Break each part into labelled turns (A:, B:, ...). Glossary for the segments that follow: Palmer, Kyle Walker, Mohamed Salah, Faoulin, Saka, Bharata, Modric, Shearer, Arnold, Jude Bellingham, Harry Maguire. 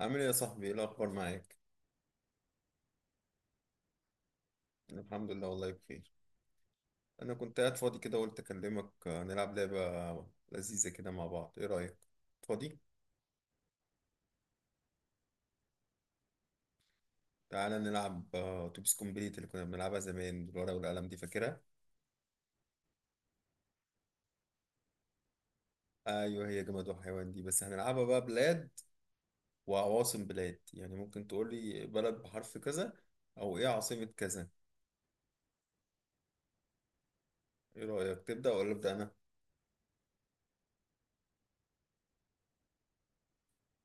A: عامل ايه يا صاحبي؟ ايه الاخبار معاك؟ أنا الحمد لله، والله بخير. انا كنت قاعد فاضي كده، قلت اكلمك. نلعب لعبه لذيذه كده مع بعض، ايه رايك؟ فاضي؟ تعالى نلعب. اتوبيس كومبليت اللي كنا بنلعبها زمان بالورقه والقلم، دي فاكرها؟ ايوه هي جماد وحيوان دي، بس هنلعبها بقى بلاد وعواصم بلاد. يعني ممكن تقول لي بلد بحرف كذا او ايه عاصمه كذا. ايه رايك، تبدا ولا ابدا انا؟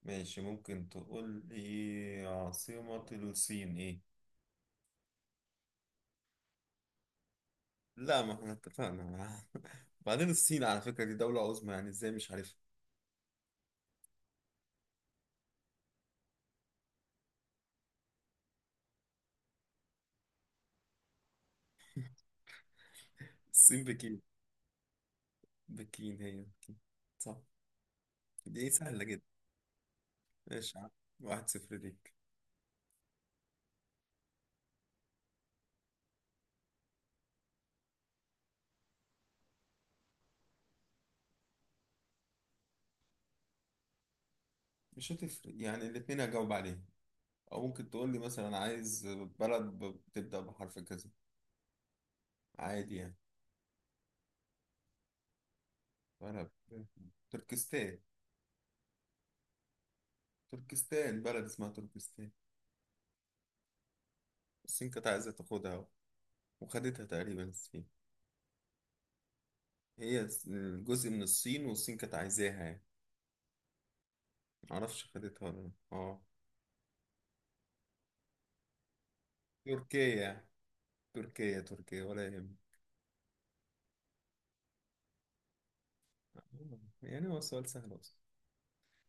A: ماشي، ممكن تقول لي عاصمه الصين ايه؟ لا، ما احنا اتفقنا معاها. بعدين الصين على فكرة دي دولة عظمى، يعني ازاي مش عارفها؟ الصين بكين. بكين هي بكين. صح. دي سهلة جدا. ماشي يا عم. 1-0 ليك. مش هتفرق يعني، الاتنين هجاوب عليه. او ممكن تقول لي مثلا عايز بلد بتبدأ بحرف كذا، عادي يعني. بلد تركستان. تركستان بلد اسمها تركستان. الصين كانت عايزة تاخدها، وخدتها تقريبا الصين. هي جزء من الصين، والصين كانت عايزاها يعني. معرفش خدتها ولا لأ. اه. تركيا، تركيا، تركيا ولا يهم. يعني هو سؤال سهل أصلا،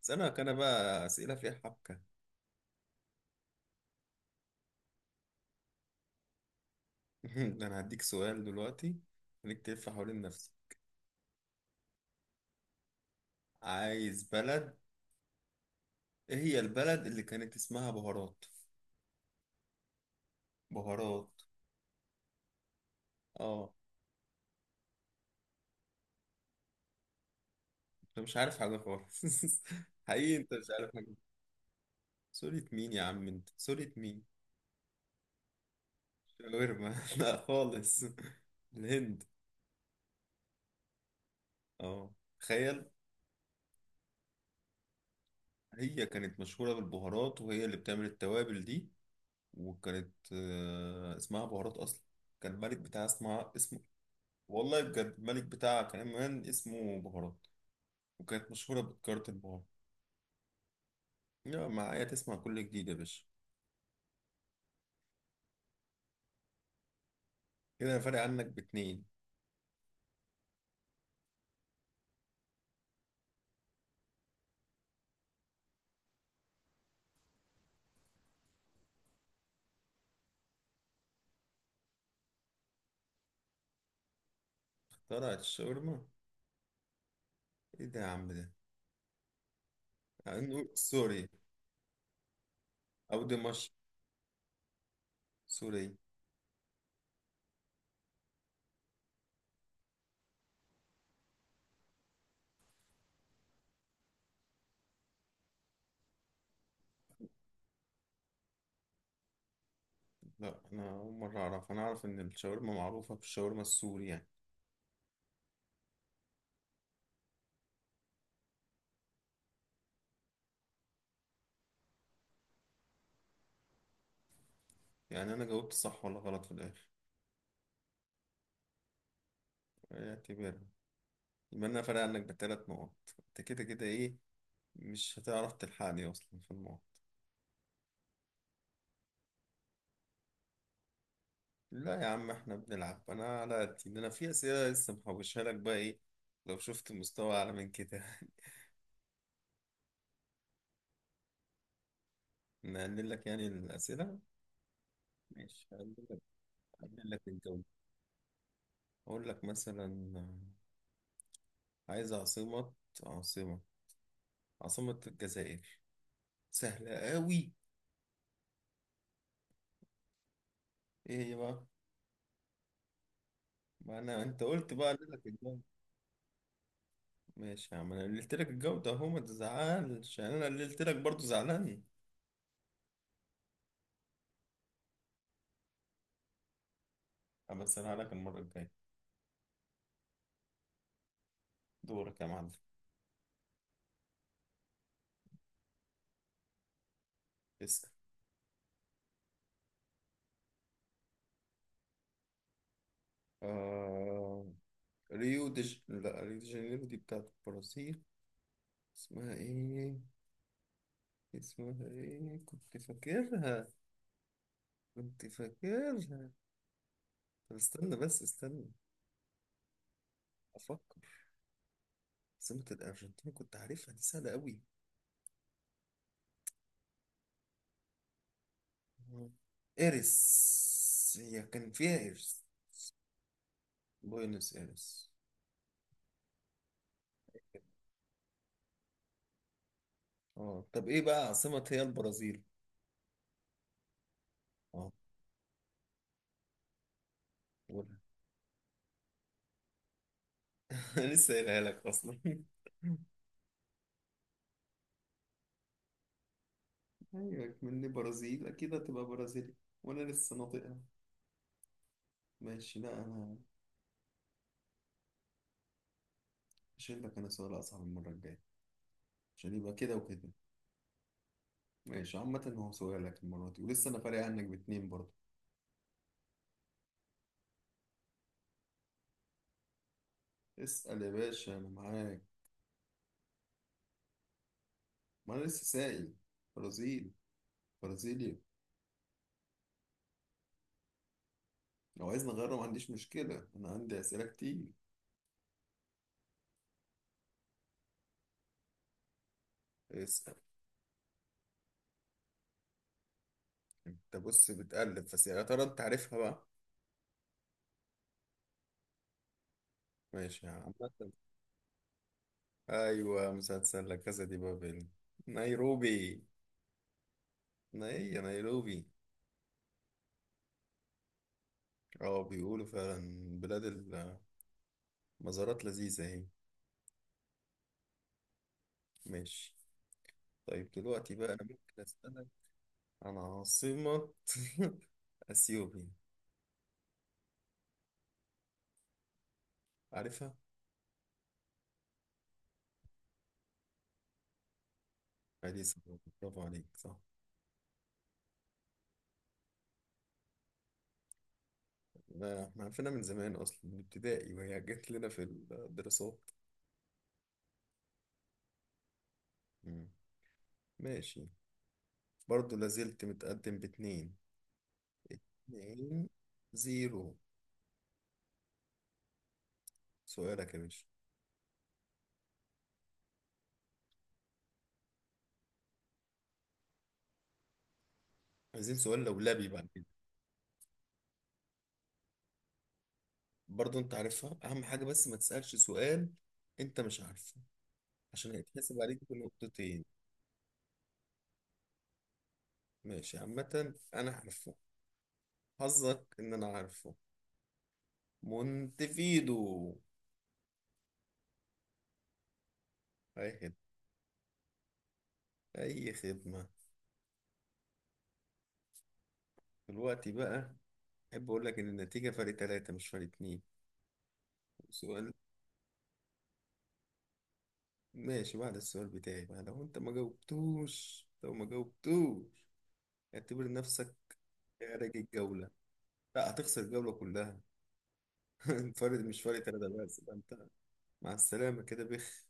A: أسألك أنا بقى أسئلة فيها حبكة. أنا هديك سؤال دلوقتي، خليك تلف حوالين نفسك. عايز بلد، إيه هي البلد اللي كانت اسمها بهارات؟ بهارات. آه. أنت مش عارف حاجة خالص. حقيقي أنت مش عارف حاجة. سورية مين يا عم؟ أنت سورية مين؟ شاورما؟ لا خالص. الهند. آه، تخيل. هي كانت مشهورة بالبهارات، وهي اللي بتعمل التوابل دي. وكانت اسمها بهارات اصلا. كان الملك بتاعها اسمه. والله بجد الملك بتاعها كمان اسمه بهارات، وكانت مشهورة بتجارة البهارات. يا معايا تسمع كل جديد يا باشا. كده انا فارق عنك باتنين. اخترعت الشاورما؟ ايه ده يا عم ده. يعني نقول سوري، او دمشق. سوري. لا انا اول مرة اعرف، انا اعرف ان الشاورما معروفة بالشاورما السوري يعني. يعني انا جاوبت صح ولا غلط في الاخر؟ اعتبرها. يبقى انا فارق عنك بثلاث نقط. انت كده كده ايه، مش هتعرف تلحقني اصلا في الموضوع. لا يا عم، احنا بنلعب، انا على قدي. ده انا في اسئله لسه محوشها لك بقى، ايه لو شفت مستوى اعلى من كده. نقلل لك يعني الاسئله. ماشي، هقلل لك الجو. اقول لك مثلا، عايز عاصمه عاصمه الجزائر. سهله قوي. ايه هي بقى؟ ما انا انت قلت بقى اقلل لك الجو. ماشي يا عم، انا قللت لك الجو ده اهو، ما تزعلش يعني. انا قللت لك برضه زعلان. اما اسالها لك المره الجايه. دورك يا معلم، اسأل. آه... ريو دي لا، ريو دي جانيرو دي بتاعت البرازيل. اسمها ايه؟ اسمها ايه؟ كنت فاكرها، كنت فاكرها. طب استنى بس استنى، افكر. عاصمة الارجنتين كنت عارفها، دي سهلة قوي. ايرس، هي كان فيها ايرس. بوينس ايرس. اه طب ايه بقى عاصمة هي البرازيل. اه، قولها. انا لسه قايلها لك اصلا. ايوه مني برازيل اكيد هتبقى برازيلي، وانا لسه ناطقها. ماشي لا انا، هشيل لك انا سؤال اصعب المره الجايه عشان يبقى كده وكده. ماشي، عامه هو سؤالك المره دي، ولسه انا فارق عنك باتنين برضه. اسال يا باشا، انا معاك. ما انا لسه سائل. برازيل. برازيليا. لو عايز نغيره ما عنديش مشكله، انا عندي اسئله كتير. اسال. انت بص بتقلب، بس يا ترى انت عارفها بقى؟ ماشي يا عم. ايوه مسلسل لا كاسا دي بابل. نيروبي. نيروبي. اه بيقولوا فعلا، بلاد المزارات لذيذه اهي. ماشي. طيب دلوقتي بقى أنا ممكن أسألك عن عاصمة أثيوبيا، عارفها؟ عادي صعبة، برافو عليك. صح. لا، احنا عارفينها من زمان أصلا، من ابتدائي وهي جت لنا في الدراسات. مم. ماشي. برضه لازلت متقدم باتنين. 2-0. سؤالك يا باشا. عايزين سؤال لولبي بعد كده. برضه أنت عارفها أهم حاجة، بس ما تسألش سؤال أنت مش عارفه عشان هيتحسب عليك بنقطتين. ماشي، عامة أنا عارفه. حظك إن أنا عارفه. مونتفيدو. أي خدمة. أي خدمة. دلوقتي بقى أحب أقول لك إن النتيجة فرق تلاتة مش فرق اتنين. سؤال. ماشي، بعد السؤال بتاعي بقى لو أنت ما جاوبتوش، لو ما جاوبتوش اعتبر نفسك خارج الجولة. لا، هتخسر الجولة كلها. فرق، مش فرق تلاتة بس ده أنت. مع السلامة كده، بخ.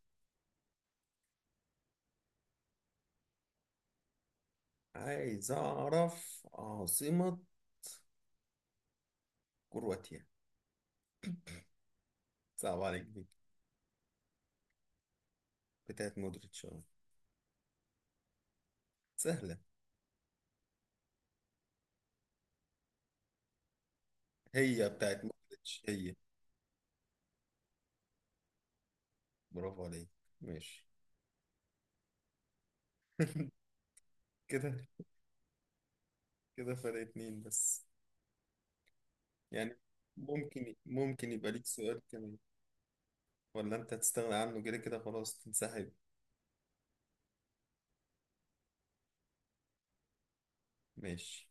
A: عايز أعرف عاصمة كرواتيا. صعب عليك دي. بتاعت مودريتش أهو. سهلة. هي بتاعت مودريتش هي. برافو عليك. ماشي. كده. كده فرق اتنين بس يعني. ممكن يبقى ليك سؤال كمان. ولا انت هتستغنى عنه، كده كده خلاص تنسحب. ماشي.